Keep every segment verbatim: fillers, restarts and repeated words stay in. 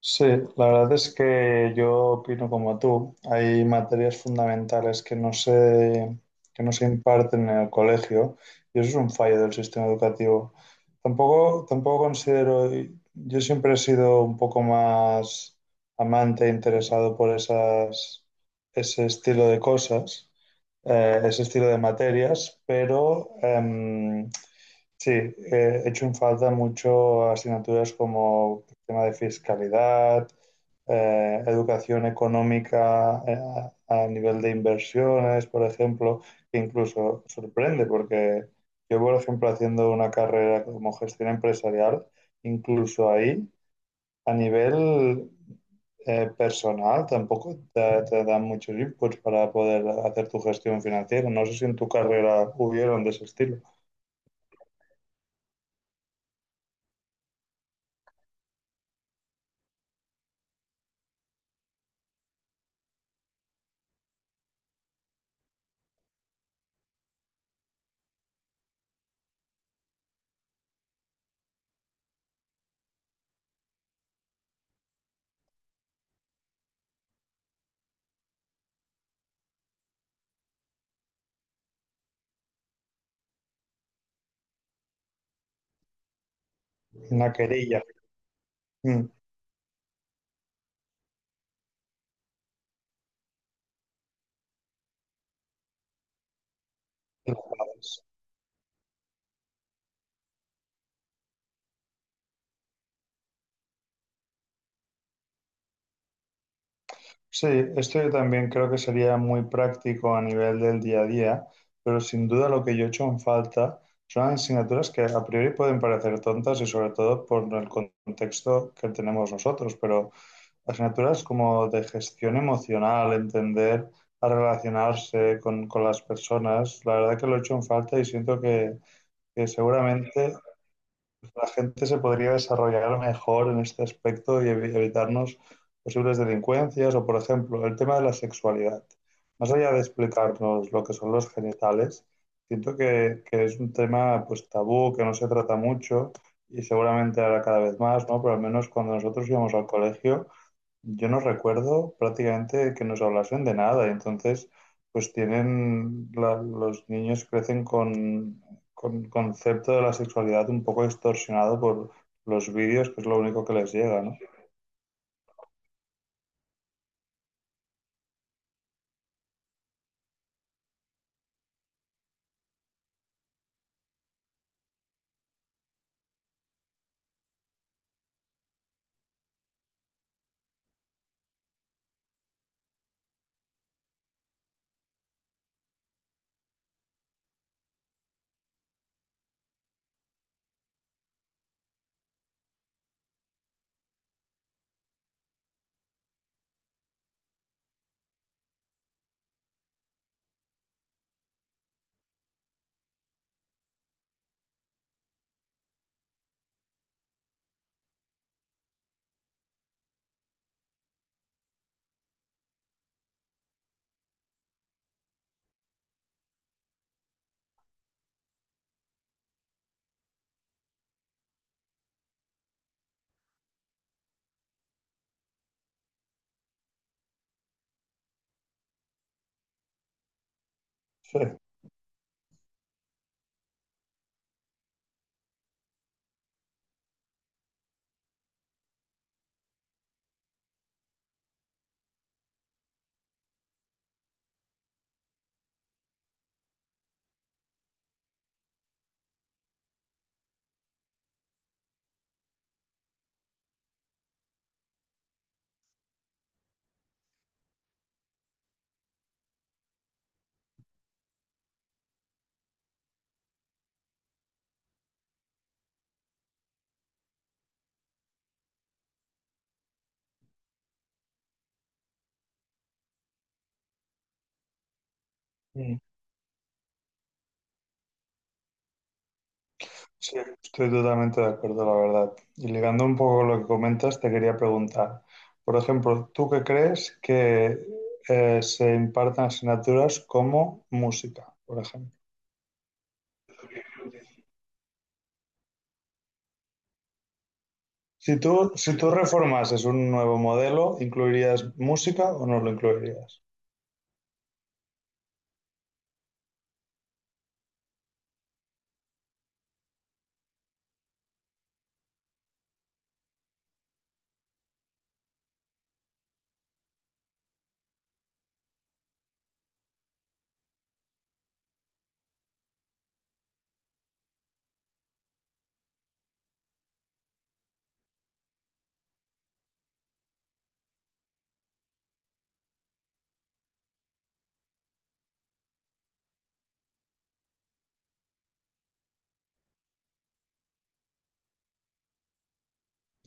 Sí, la verdad es que yo opino como tú. Hay materias fundamentales que no se, que no se imparten en el colegio y eso es un fallo del sistema educativo. Tampoco, tampoco considero, yo siempre he sido un poco más amante e interesado por esas, ese estilo de cosas, eh, ese estilo de materias, pero em, Sí, eh, he hecho en falta mucho asignaturas como el tema de fiscalidad, eh, educación económica eh, a a nivel de inversiones, por ejemplo, que incluso sorprende porque yo, por ejemplo, haciendo una carrera como gestión empresarial, incluso ahí a nivel eh, personal tampoco te, te dan muchos inputs para poder hacer tu gestión financiera. No sé si en tu carrera hubieron de ese estilo. Una querella. Mm. Claves. Sí, esto yo también creo que sería muy práctico a nivel del día a día, pero sin duda lo que yo he hecho en falta son asignaturas que a priori pueden parecer tontas y sobre todo por el contexto que tenemos nosotros, pero asignaturas como de gestión emocional, entender a relacionarse con, con las personas, la verdad que lo he hecho en falta y siento que, que seguramente la gente se podría desarrollar mejor en este aspecto y evi- evitarnos posibles delincuencias o, por ejemplo, el tema de la sexualidad. Más allá de explicarnos lo que son los genitales, siento que, que es un tema pues tabú, que no se trata mucho y seguramente ahora cada vez más, ¿no? Pero al menos cuando nosotros íbamos al colegio yo no recuerdo prácticamente que nos hablasen de nada, y entonces pues tienen, la- los niños crecen con, con concepto de la sexualidad un poco distorsionado por los vídeos, que es lo único que les llega, ¿no? Sí. Mm. Sí, estoy totalmente de acuerdo, la verdad. Y ligando un poco lo que comentas, te quería preguntar, por ejemplo, ¿tú qué crees que eh, se impartan asignaturas como música, por ejemplo? Si tú, si tú reformases un nuevo modelo, ¿incluirías música o no lo incluirías?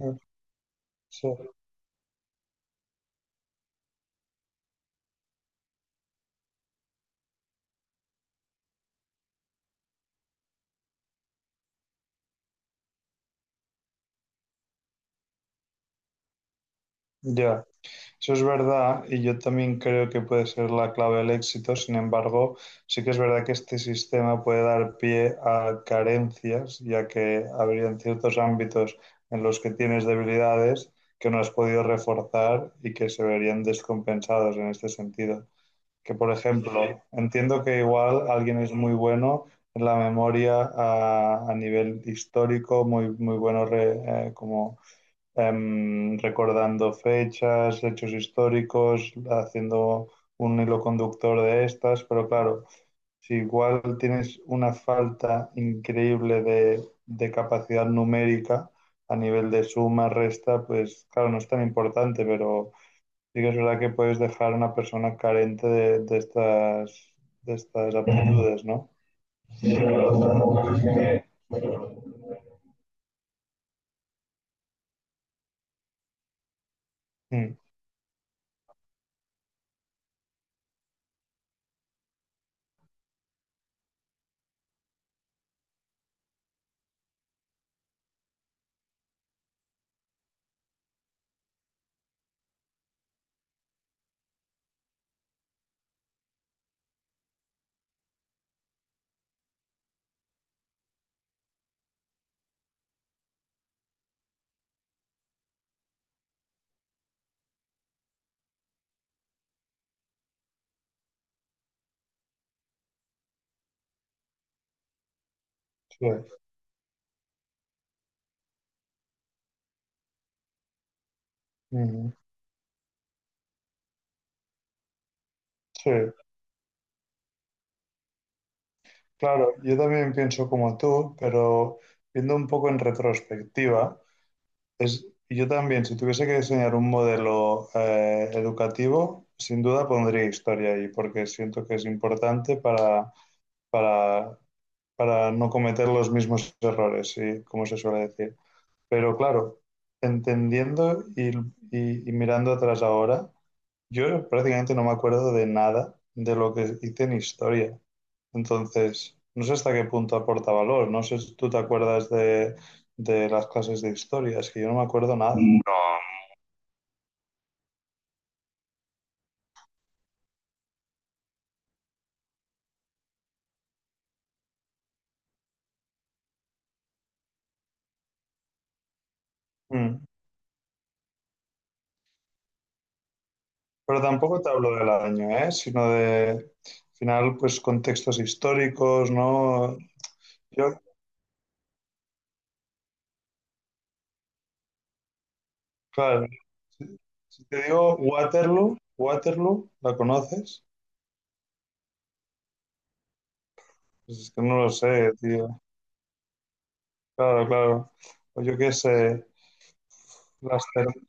Eh, Sí, ya, eso es verdad y yo también creo que puede ser la clave del éxito. Sin embargo, sí que es verdad que este sistema puede dar pie a carencias, ya que habrían ciertos ámbitos en los que tienes debilidades que no has podido reforzar y que se verían descompensados en este sentido. Que, por ejemplo, entiendo que igual alguien es muy bueno en la memoria a, a nivel histórico, muy, muy bueno re- eh, como em, recordando fechas, hechos históricos, haciendo un hilo conductor de estas, pero claro, si igual tienes una falta increíble de, de capacidad numérica a nivel de suma, resta, pues claro, no es tan importante, pero sí que es verdad que puedes dejar a una persona carente de, de estas, de estas aptitudes, ¿no? Mm, sí, ujú. Sí, claro, yo también pienso como tú, pero viendo un poco en retrospectiva, es, yo también, si tuviese que diseñar un modelo eh, educativo, sin duda pondría historia ahí, porque siento que es importante para, para, para no cometer los mismos errores, ¿sí? Como se suele decir. Pero claro, entendiendo y, y- y mirando atrás ahora, yo prácticamente no me acuerdo de nada de lo que hice en historia. Entonces, no sé hasta qué punto aporta valor. No sé si tú te acuerdas de, de las clases de historia, es que yo no me acuerdo nada. Mm. Mm. Pero tampoco te hablo del año, ¿eh? Sino de, al final, pues contextos históricos, ¿no? Yo, claro, si si te digo Waterloo, Waterloo, ¿la conoces? Pues es que no lo sé, tío. Claro, claro. O yo qué sé, las cervezas.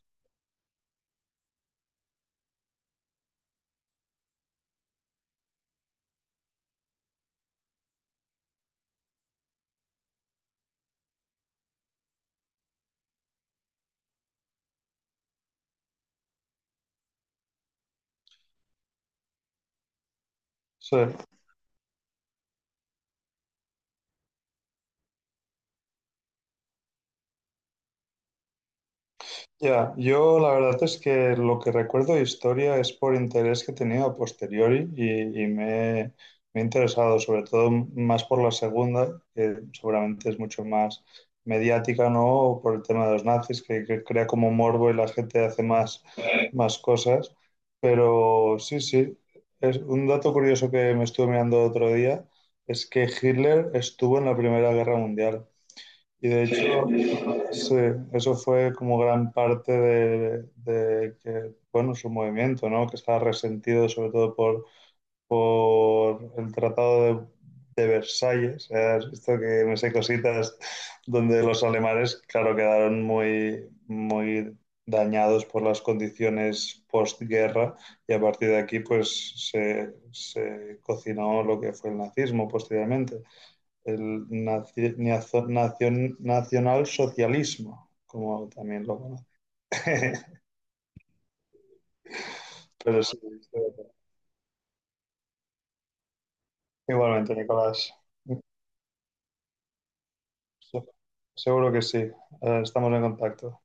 Eh. Ya, yo la verdad es que lo que recuerdo de historia es por interés que he tenido a posteriori y, y me, he me he interesado, sobre todo más por la segunda, que seguramente es mucho más mediática, ¿no? Por el tema de los nazis, que, que crea como morbo y la gente hace más, más cosas. Pero sí, sí, es un dato curioso que me estuve mirando otro día es que Hitler estuvo en la Primera Guerra Mundial. Y de hecho, sí, eso fue como gran parte de, de que, bueno, su movimiento, ¿no? Que estaba resentido sobre todo por, por el Tratado de, de Versalles. ¿Eh? Has visto que me sé cositas, donde los alemanes, claro, quedaron muy, muy dañados por las condiciones postguerra y a partir de aquí pues se, se cocinó lo que fue el nazismo posteriormente, el naci- nazo- nacion- nacionalsocialismo, como también lo conoce. Pero sí, igualmente, Nicolás. Se- Seguro que sí. Eh, estamos en contacto.